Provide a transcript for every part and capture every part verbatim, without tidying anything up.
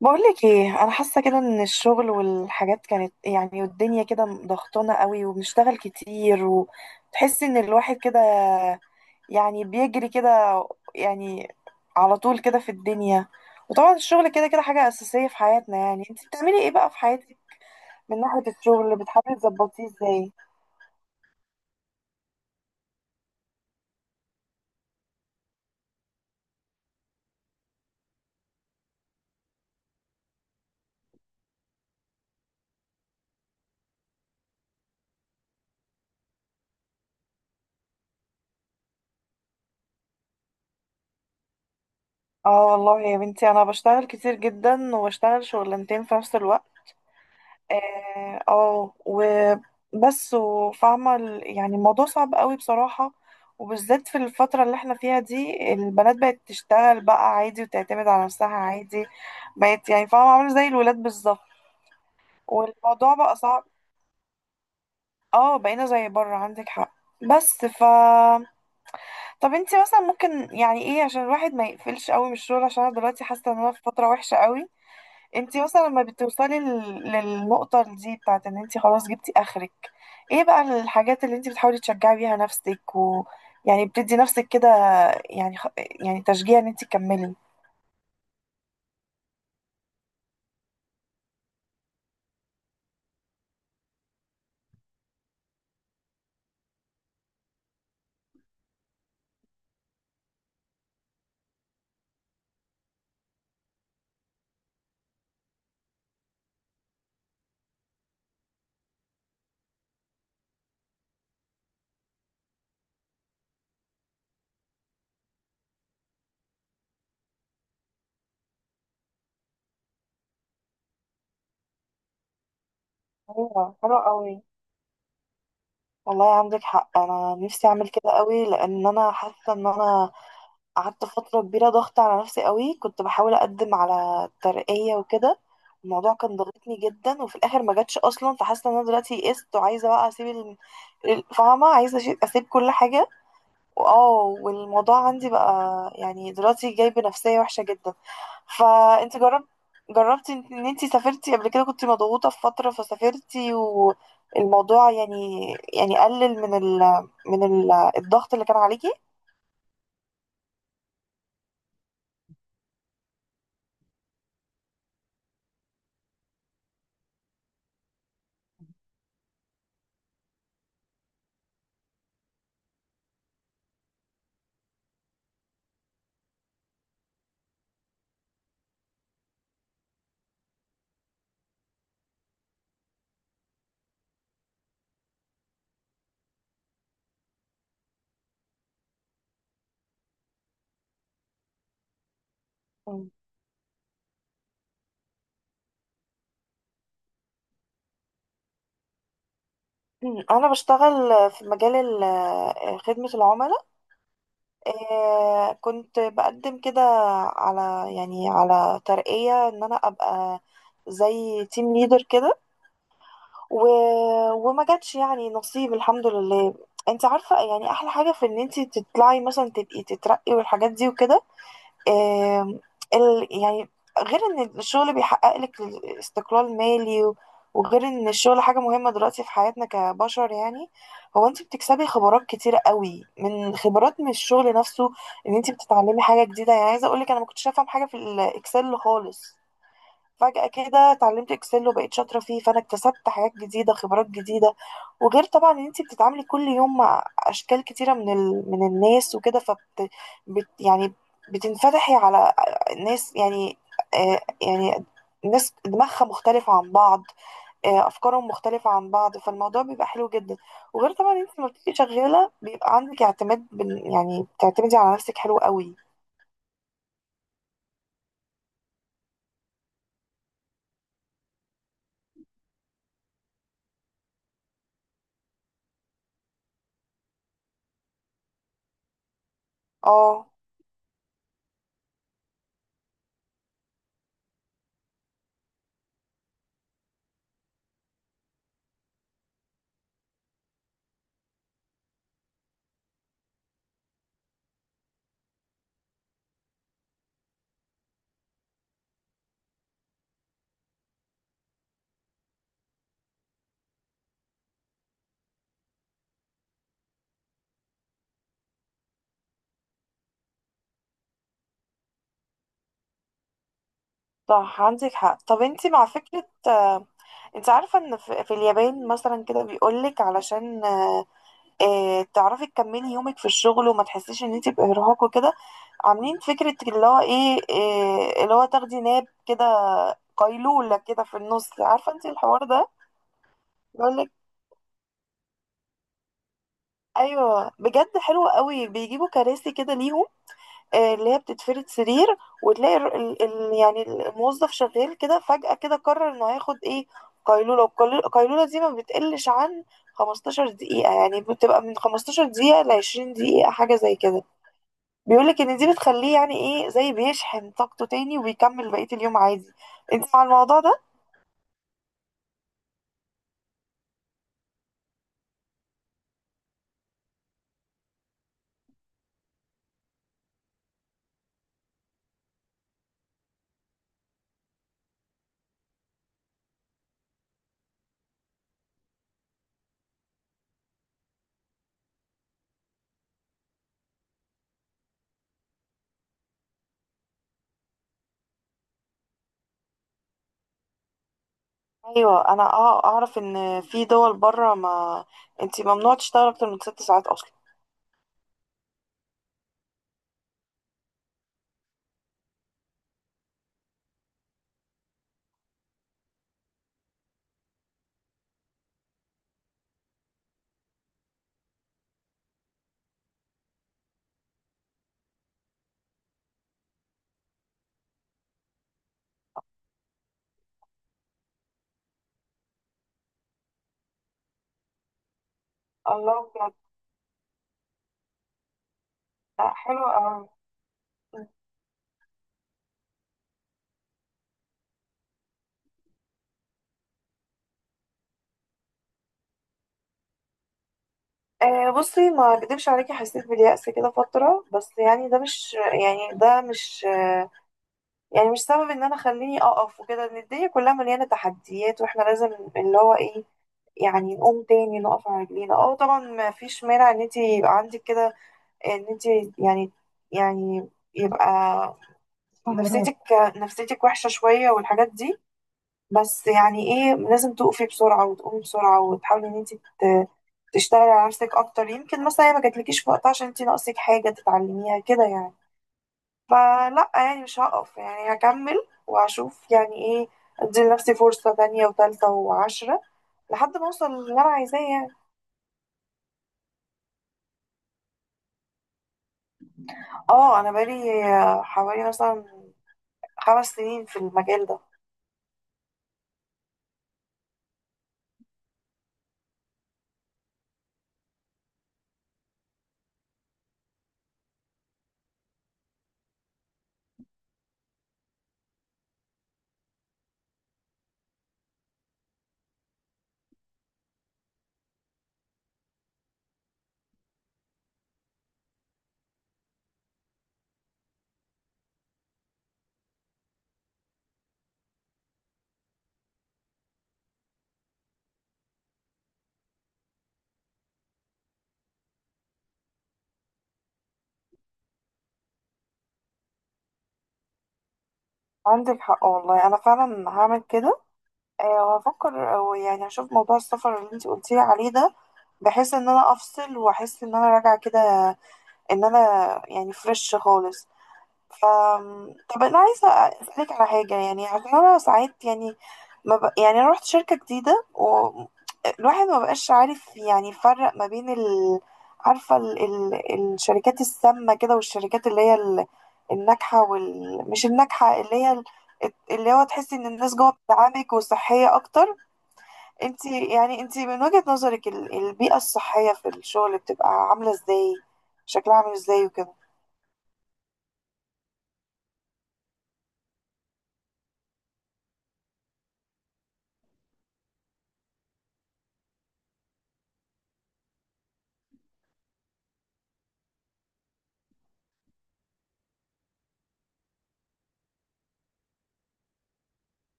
بقولك ايه، انا حاسه كده ان الشغل والحاجات كانت، يعني، والدنيا كده ضغطانه قوي وبنشتغل كتير، وتحس ان الواحد كده يعني بيجري كده، يعني، على طول كده في الدنيا. وطبعا الشغل كده كده حاجه اساسيه في حياتنا. يعني انت بتعملي ايه بقى في حياتك من ناحيه الشغل؟ بتحاولي تظبطيه ازاي؟ اه والله يا بنتي، انا بشتغل كتير جدا وبشتغل شغلانتين في نفس الوقت. اه آه، وبس، وفاهمة ال- يعني الموضوع صعب قوي بصراحة. وبالذات في الفترة اللي احنا فيها دي، البنات بقت تشتغل بقى عادي وتعتمد على نفسها عادي، بقت يعني فاهمة، عاملة زي الولاد بالظبط. والموضوع بقى صعب. اه، بقينا زي بره، عندك حق. بس ف طب انتي مثلا ممكن يعني ايه عشان الواحد ما يقفلش قوي من الشغل، عشان انا دلوقتي حاسة ان انا في فترة وحشة قوي. انتي مثلا لما بتوصلي لل- للنقطة دي بتاعت ان انتي خلاص جبتي اخرك، ايه بقى الحاجات اللي انتي بتحاولي تشجعي بيها نفسك و يعني بتدي نفسك كده، يعني خ... يعني تشجيع ان انتي تكملي؟ ايوه، حلو قوي، والله عندك حق. انا نفسي اعمل كده قوي، لان انا حاسه ان انا قعدت فترة كبيرة ضغط على نفسي قوي. كنت بحاول أقدم على ترقية وكده، الموضوع كان ضاغطني جدا وفي الآخر ما جاتش أصلا. فحاسة إن أنا دلوقتي يئست وعايزة بقى أسيب ال- ال- فاهمة، عايزة أشي- أسيب كل حاجة. وآه والموضوع عندي بقى يعني دلوقتي جايب نفسية وحشة جدا. فأنت جربت جربتي إن إن أنتي سافرتي قبل كده، كنت مضغوطة في فترة فسافرتي، والموضوع، يعني، يعني قلل من ال من ال الضغط اللي كان عليكي؟ مم. أنا بشتغل في مجال ال- آه، خدمة العملاء. آه، كنت بقدم كده على، يعني على، ترقية إن أنا أبقى زي تيم ليدر كده، و... وما جاتش يعني نصيب الحمد لله. انت عارفة، يعني أحلى حاجة في إن انت تطلعي مثلا تبقي تترقي والحاجات دي وكده. آم، ال يعني غير ان الشغل بيحقق لك استقلال مالي و- وغير ان الشغل حاجة مهمة دلوقتي في حياتنا كبشر، يعني هو انت بتكسبي خبرات كتيرة قوي، من خبرات من الشغل نفسه. ان انت بتتعلمي حاجة جديدة، يعني عايزة اقولك انا ما كنتش افهم حاجة في الاكسل خالص، فجأة كده اتعلمت اكسل وبقيت شاطرة فيه، فانا اكتسبت حاجات جديدة، خبرات جديدة. وغير طبعا ان انتي بتتعاملي كل يوم مع اشكال كتيرة من ال... من الناس وكده. فبت بت... يعني بتنفتحي على ناس، يعني، آه يعني ناس دماغها مختلفة عن بعض، آه أفكارهم مختلفة عن بعض، فالموضوع بيبقى حلو جدا. وغير طبعا انت لما بتبقي شغالة بيبقى عندك اعتماد بال- يعني بتعتمدي على نفسك، حلو قوي. اه، صح عندك حق. طب انت مع فكرة، آه، انت عارفة ان في في اليابان مثلا كده، بيقولك علشان آه، تعرفي تكملي يومك في الشغل وما تحسيش ان انت بإرهاق وكده، عاملين فكرة اللي هو ايه، آه، اللي هو تاخدي ناب كده، قيلولة كده في النص، عارفة انت الحوار ده؟ بيقولك، ايوه بجد حلو قوي، بيجيبوا كراسي كده ليهم، آه، اللي هي بتتفرد سرير، وتلاقي ال ال ال- يعني الموظف شغال كده، فجأة كده قرر انه هياخد ايه، قيلولة. والقيلولة دي ما بتقلش عن خمستاشر دقيقة، يعني بتبقى من خمستاشر دقيقة ل عشرين دقيقة، حاجة زي كده. بيقولك ان دي بتخليه يعني ايه، زي بيشحن طاقته تاني وبيكمل بقية اليوم عادي. انت مع الموضوع ده؟ ايوه، انا أع- اعرف ان في دول بره، ما انت ممنوع تشتغل اكتر من ست ساعات اصلا. الله، بجد. لا، حلو قوي. آه بصي، ما اكدبش عليكي، حسيت باليأس كده فترة، بس يعني ده مش، يعني ده مش آه يعني مش سبب ان انا خليني اقف وكده. ان الدنيا كلها مليانة تحديات واحنا لازم اللي هو ايه، يعني نقوم تاني نقف على رجلينا. اه طبعا ما فيش مانع ان انت يبقى عندك كده، ان انت، يعني، يعني يبقى نفسيتك نفسيتك وحشة شوية والحاجات دي، بس يعني ايه لازم تقفي بسرعة وتقومي بسرعة، وتحاولي ان انت ت- تشتغلي على نفسك اكتر. يمكن مثلا هي ما جاتلكيش في وقتها عشان انت ناقصك حاجة تتعلميها كده، يعني. فلا، يعني مش هقف، يعني هكمل وهشوف يعني ايه، ادي لنفسي فرصة تانية وتالتة وعشرة لحد ما اوصل للي انا عايزاه يعني. اه، انا بقالي آه، حوالي مثلا خمس سنين في المجال ده. عندك حق والله، انا فعلا هعمل كده. آه، هفكر، او يعني هشوف موضوع السفر اللي انت قلتيلي عليه ده، بحيث ان انا افصل، واحس ان انا راجعه كده، ان انا يعني فريش خالص. ف طب انا عايزه اسالك على حاجه، يعني عشان انا ساعات يعني ما ب... يعني انا رحت شركه جديده والواحد ما بقاش عارف يعني يفرق ما بين ال... عارفه ال... ال... الشركات السامه كده، والشركات اللي هي ال... الناجحه وال... مش الناجحه، اللي هي ال... اللي هو تحسي ان الناس جوه بتدعمك وصحيه اكتر. انت يعني انت من وجهة نظرك، ال- البيئة الصحية في الشغل بتبقى عاملة ازاي، شكلها عامل ازاي وكده؟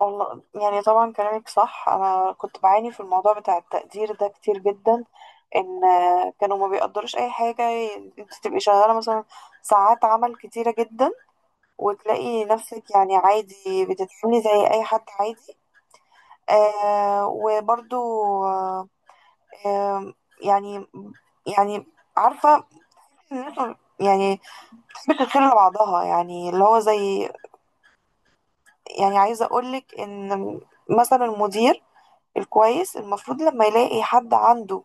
والله، يعني طبعا كلامك صح. انا كنت بعاني في الموضوع بتاع التقدير ده كتير جدا، ان آه، كانوا ما بيقدروش اي حاجة. انت تبقي شغالة مثلا ساعات عمل كتيرة جدا، وتلاقي نفسك يعني عادي بتتعاملي زي اي حد عادي. آه وبرضو آه آه يعني، يعني عارفة إن انتوا، يعني، بتحبش الخير لبعضها، يعني اللي هو زي، يعني عايزة أقولك إن مثلا المدير الكويس، المفروض لما يلاقي حد عنده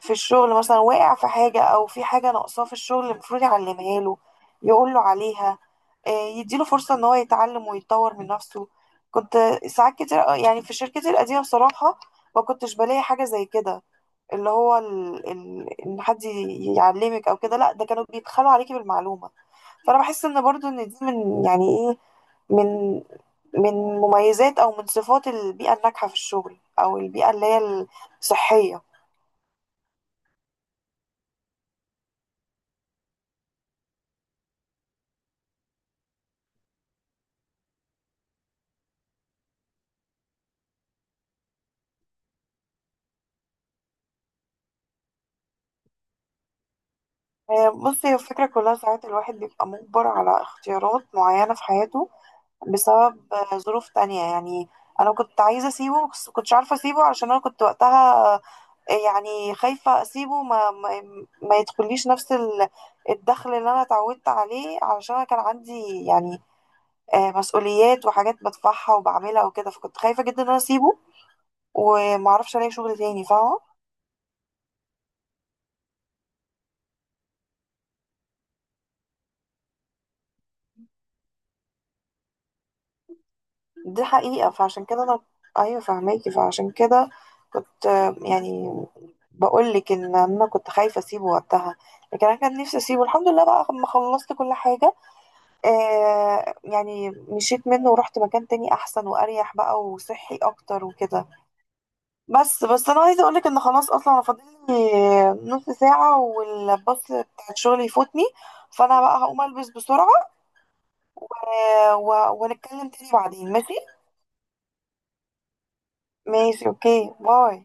في الشغل مثلا واقع في حاجة، أو في حاجة ناقصاه في الشغل، المفروض يعلمها له، يقوله عليها، آه، يديله فرصة إن هو يتعلم ويتطور من نفسه. كنت ساعات كتير أوي- يعني في شركتي القديمة، بصراحة ما كنتش بلاقي حاجة زي كده، اللي هو ال... ال... إن حد يعلمك أو كده، لأ، ده كانوا بيبخلوا عليكي بالمعلومة. فانا بحس ان برضو ان دي من، يعني ايه، من من مميزات او من صفات البيئه الناجحه في الشغل، او البيئه اللي هي الصحيه. آه، بصي، هي الفكره كلها ساعات الواحد بيبقى مجبر على اختيارات معينه في حياته، بسبب آه، ظروف تانية يعني. انا كنت عايزه اسيبه، بس كنتش عارفه اسيبه، علشان انا كنت وقتها آه، يعني خايفه اسيبه ما ما, ما يدخليش نفس ال- الدخل اللي انا اتعودت عليه، علشان انا كان عندي يعني آه، مسؤوليات وحاجات بدفعها وبعملها وكده، فكنت خايفة جدا ان انا اسيبه ومعرفش الاقي شغل تاني، فاهمة؟ دي حقيقة، فعشان كده انا، ايوه فاهماكي. فعشان كده كنت، آه، يعني، بقولك ان انا كنت خايفة اسيبه وقتها. لكن انا كان نفسي اسيبه، الحمد لله بقى لما خلصت كل حاجة، آه يعني مشيت منه ورحت مكان تاني احسن واريح بقى وصحي اكتر وكده. بس بس انا عايزه اقولك ان خلاص، اصلا انا فاضل لي نص ساعه والباص بتاع الشغل يفوتني، فانا بقى هقوم البس بسرعه. آه، و- ونتكلم تاني بعدين، ماشي؟ ماشي، اوكي، باي.